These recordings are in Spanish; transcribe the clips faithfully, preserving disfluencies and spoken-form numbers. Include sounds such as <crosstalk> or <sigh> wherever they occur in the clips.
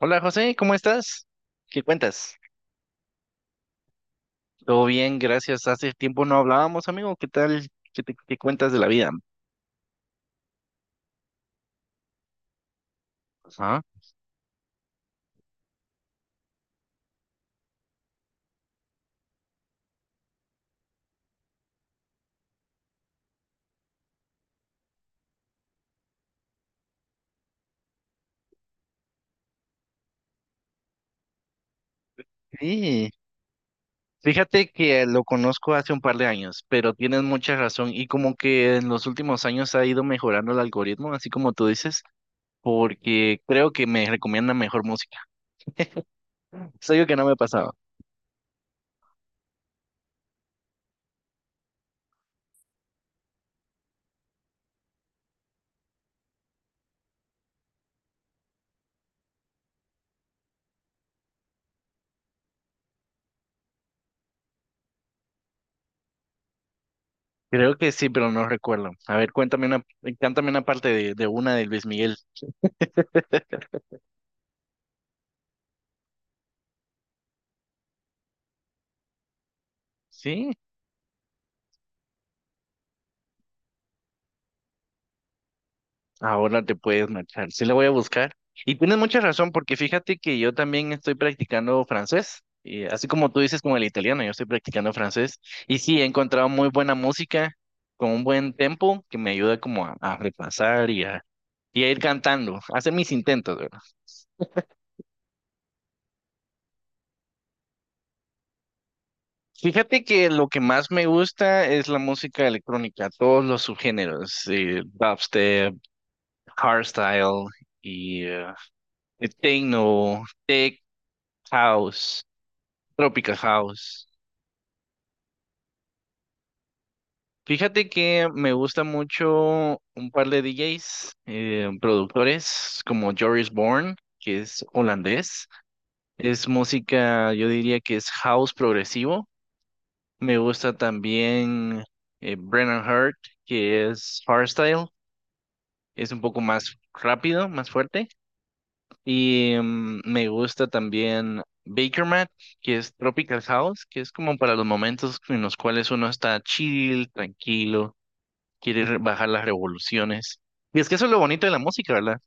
Hola José, ¿cómo estás? ¿Qué cuentas? Todo bien, gracias. Hace tiempo no hablábamos, amigo. ¿Qué tal? ¿Qué, te- qué cuentas de la vida? Ah, sí. Fíjate que lo conozco hace un par de años, pero tienes mucha razón y como que en los últimos años ha ido mejorando el algoritmo, así como tú dices, porque creo que me recomienda mejor música. ¿Es algo que no me ha pasado? Creo que sí, pero no recuerdo. A ver, cuéntame una, cántame una parte de, de una de Luis Miguel. ¿Sí? Ahora te puedes marchar. Sí, le voy a buscar. Y tienes mucha razón, porque fíjate que yo también estoy practicando francés. Y así como tú dices con el italiano, yo estoy practicando francés. Y sí, he encontrado muy buena música con un buen tempo que me ayuda como a, a repasar y a, y a ir cantando, a hacer mis intentos, ¿verdad? Fíjate que lo que más me gusta es la música electrónica, todos los subgéneros, eh, dubstep, hardstyle y eh, techno, tech house. Tropica House. Fíjate que me gusta mucho un par de D Js, eh, productores como Joris Born, que es holandés. Es música, yo diría que es house progresivo. Me gusta también eh, Brennan Hart, que es hardstyle. Es un poco más rápido, más fuerte. Y mm, me gusta también Baker Mat, que es Tropical House, que es como para los momentos en los cuales uno está chill, tranquilo quiere re- bajar las revoluciones. Y es que eso es lo bonito de la música, ¿verdad?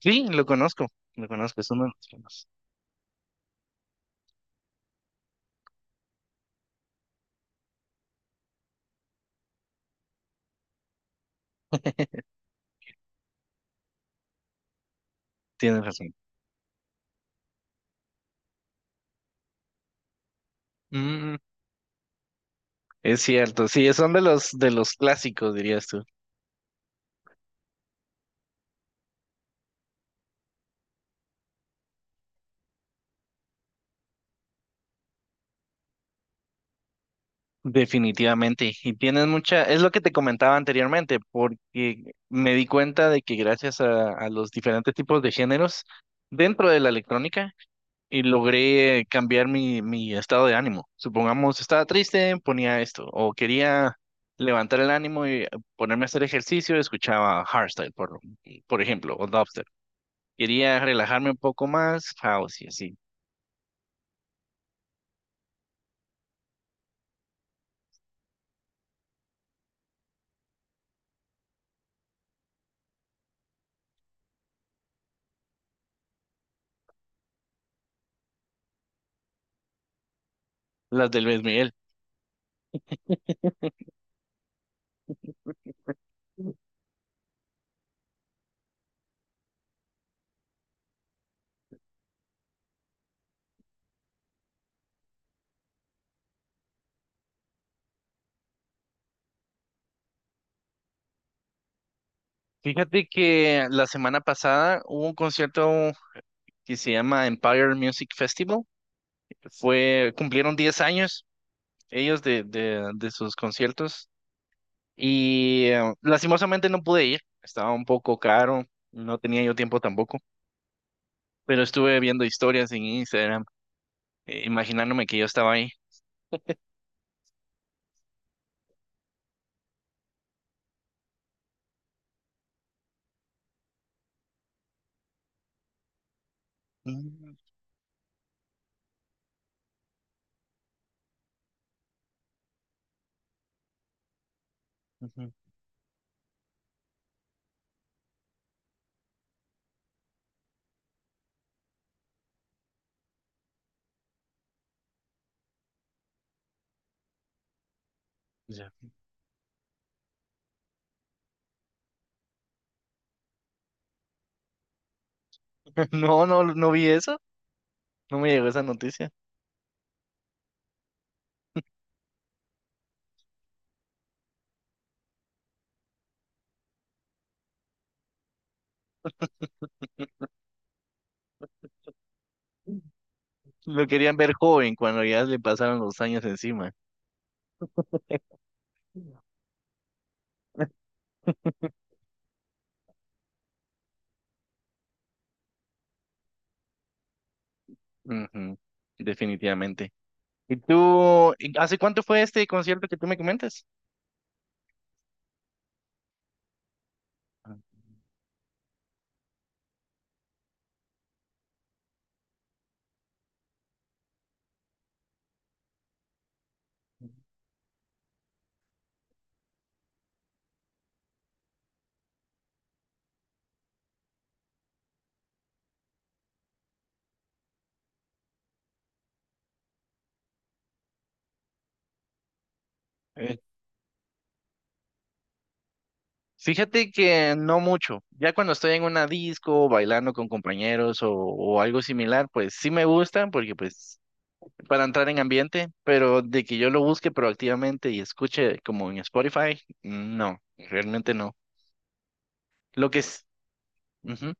Sí, lo conozco, lo conozco, es uno de los temas. Tienes razón. Mm, es cierto, sí, son de los de los clásicos, dirías tú. Definitivamente. Y tienes mucha, es lo que te comentaba anteriormente, porque me di cuenta de que gracias a, a los diferentes tipos de géneros dentro de la electrónica y logré cambiar mi, mi estado de ánimo. Supongamos, estaba triste, ponía esto, o quería levantar el ánimo y ponerme a hacer ejercicio, escuchaba hardstyle, por, por ejemplo, o dubstep. Quería relajarme un poco más, house y así, las del Luis Miguel. Fíjate que la semana pasada hubo un concierto que se llama Empire Music Festival. Fue, cumplieron diez años ellos de, de, de sus conciertos. Y eh, lastimosamente no pude ir, estaba un poco caro, no tenía yo tiempo tampoco, pero estuve viendo historias en Instagram, eh, imaginándome que yo estaba ahí. Mm, ujú, ya. <laughs> No, no, no vi eso, no me llegó esa noticia. Lo querían ver joven cuando ya le pasaron los años encima. Ujú, definitivamente. ¿Y tú, y hace cuánto fue este concierto que tú me comentas? Ah, fíjate que no mucho. Ya cuando estoy en una disco, bailando con compañeros o, o algo similar, pues sí me gusta porque pues para entrar en ambiente, pero de que yo lo busque proactivamente y escuche como en Spotify, no, realmente no. Lo que es, ujú,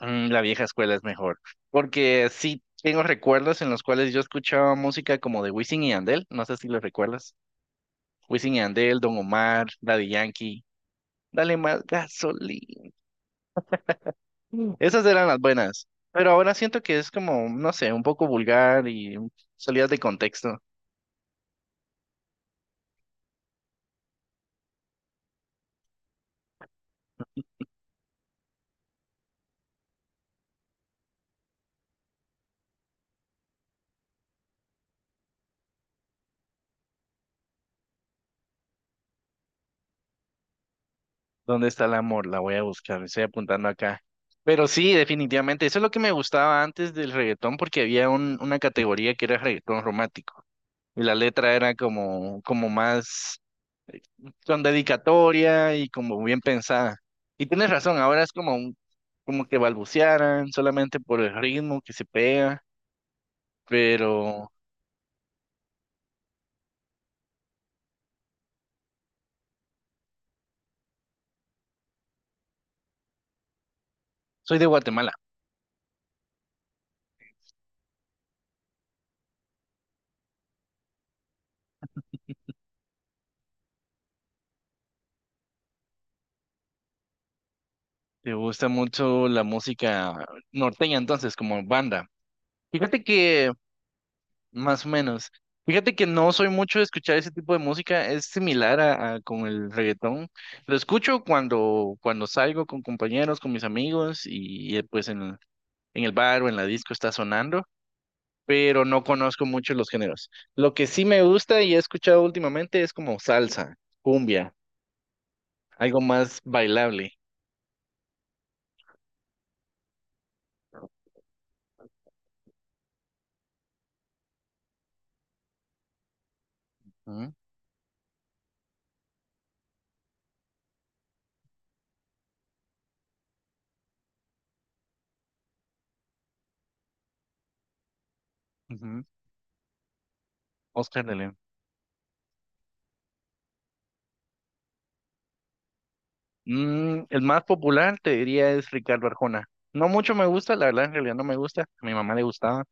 mm, la vieja escuela es mejor, porque sí tengo recuerdos en los cuales yo escuchaba música como de Wisin y Andel, no sé si lo recuerdas. Wisin y Andel, Don Omar, Daddy Yankee, Dale más gasolina. Esas eran las buenas, pero ahora siento que es como, no sé, un poco vulgar y salidas de contexto. ¿Dónde está el amor? La voy a buscar, estoy apuntando acá. Pero sí, definitivamente, eso es lo que me gustaba antes del reggaetón porque había un, una categoría que era reggaetón romántico y la letra era como, como, más con dedicatoria y como bien pensada. Y tienes razón, ahora es como, un- como que balbucearan solamente por el ritmo que se pega, pero soy de Guatemala. Te gusta mucho la música norteña, entonces, como banda. Fíjate que, más o menos, fíjate que no soy mucho de escuchar ese tipo de música, es similar a, a con el reggaetón. Lo escucho cuando, cuando salgo con compañeros, con mis amigos y, eh, pues en, el- en el bar o en la disco está sonando, pero no conozco mucho los géneros. Lo que sí me gusta y he escuchado últimamente es como salsa, cumbia, algo más bailable. Ujú, ujú. Oscar de León. Mm, el más popular, te diría, es Ricardo Arjona. No mucho me gusta, la verdad, en realidad no me gusta. A mi mamá le gustaba,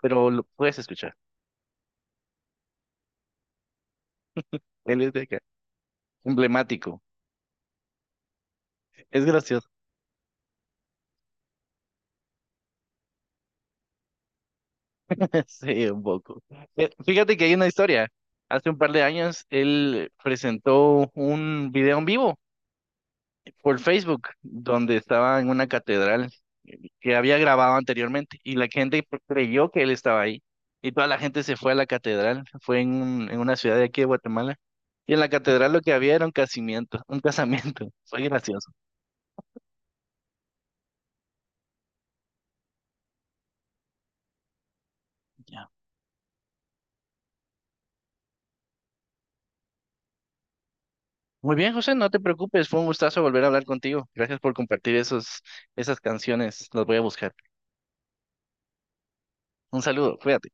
pero lo puedes escuchar. Él es de acá, emblemático. Es gracioso. <laughs> Sí, un poco. Eh, Fíjate que hay una historia. Hace un par de años, él presentó un video en vivo por Facebook, donde estaba en una catedral que había grabado anteriormente, y la gente creyó que él estaba ahí. Y toda la gente se fue a la catedral. Fue en, un- en una ciudad de aquí de Guatemala. Y en la catedral lo que había era un casamiento, un casamiento. <laughs> Soy gracioso. Ya. Muy bien, José, no te preocupes, fue un gustazo volver a hablar contigo. Gracias por compartir esos, esas canciones, las voy a buscar. Un saludo, cuídate.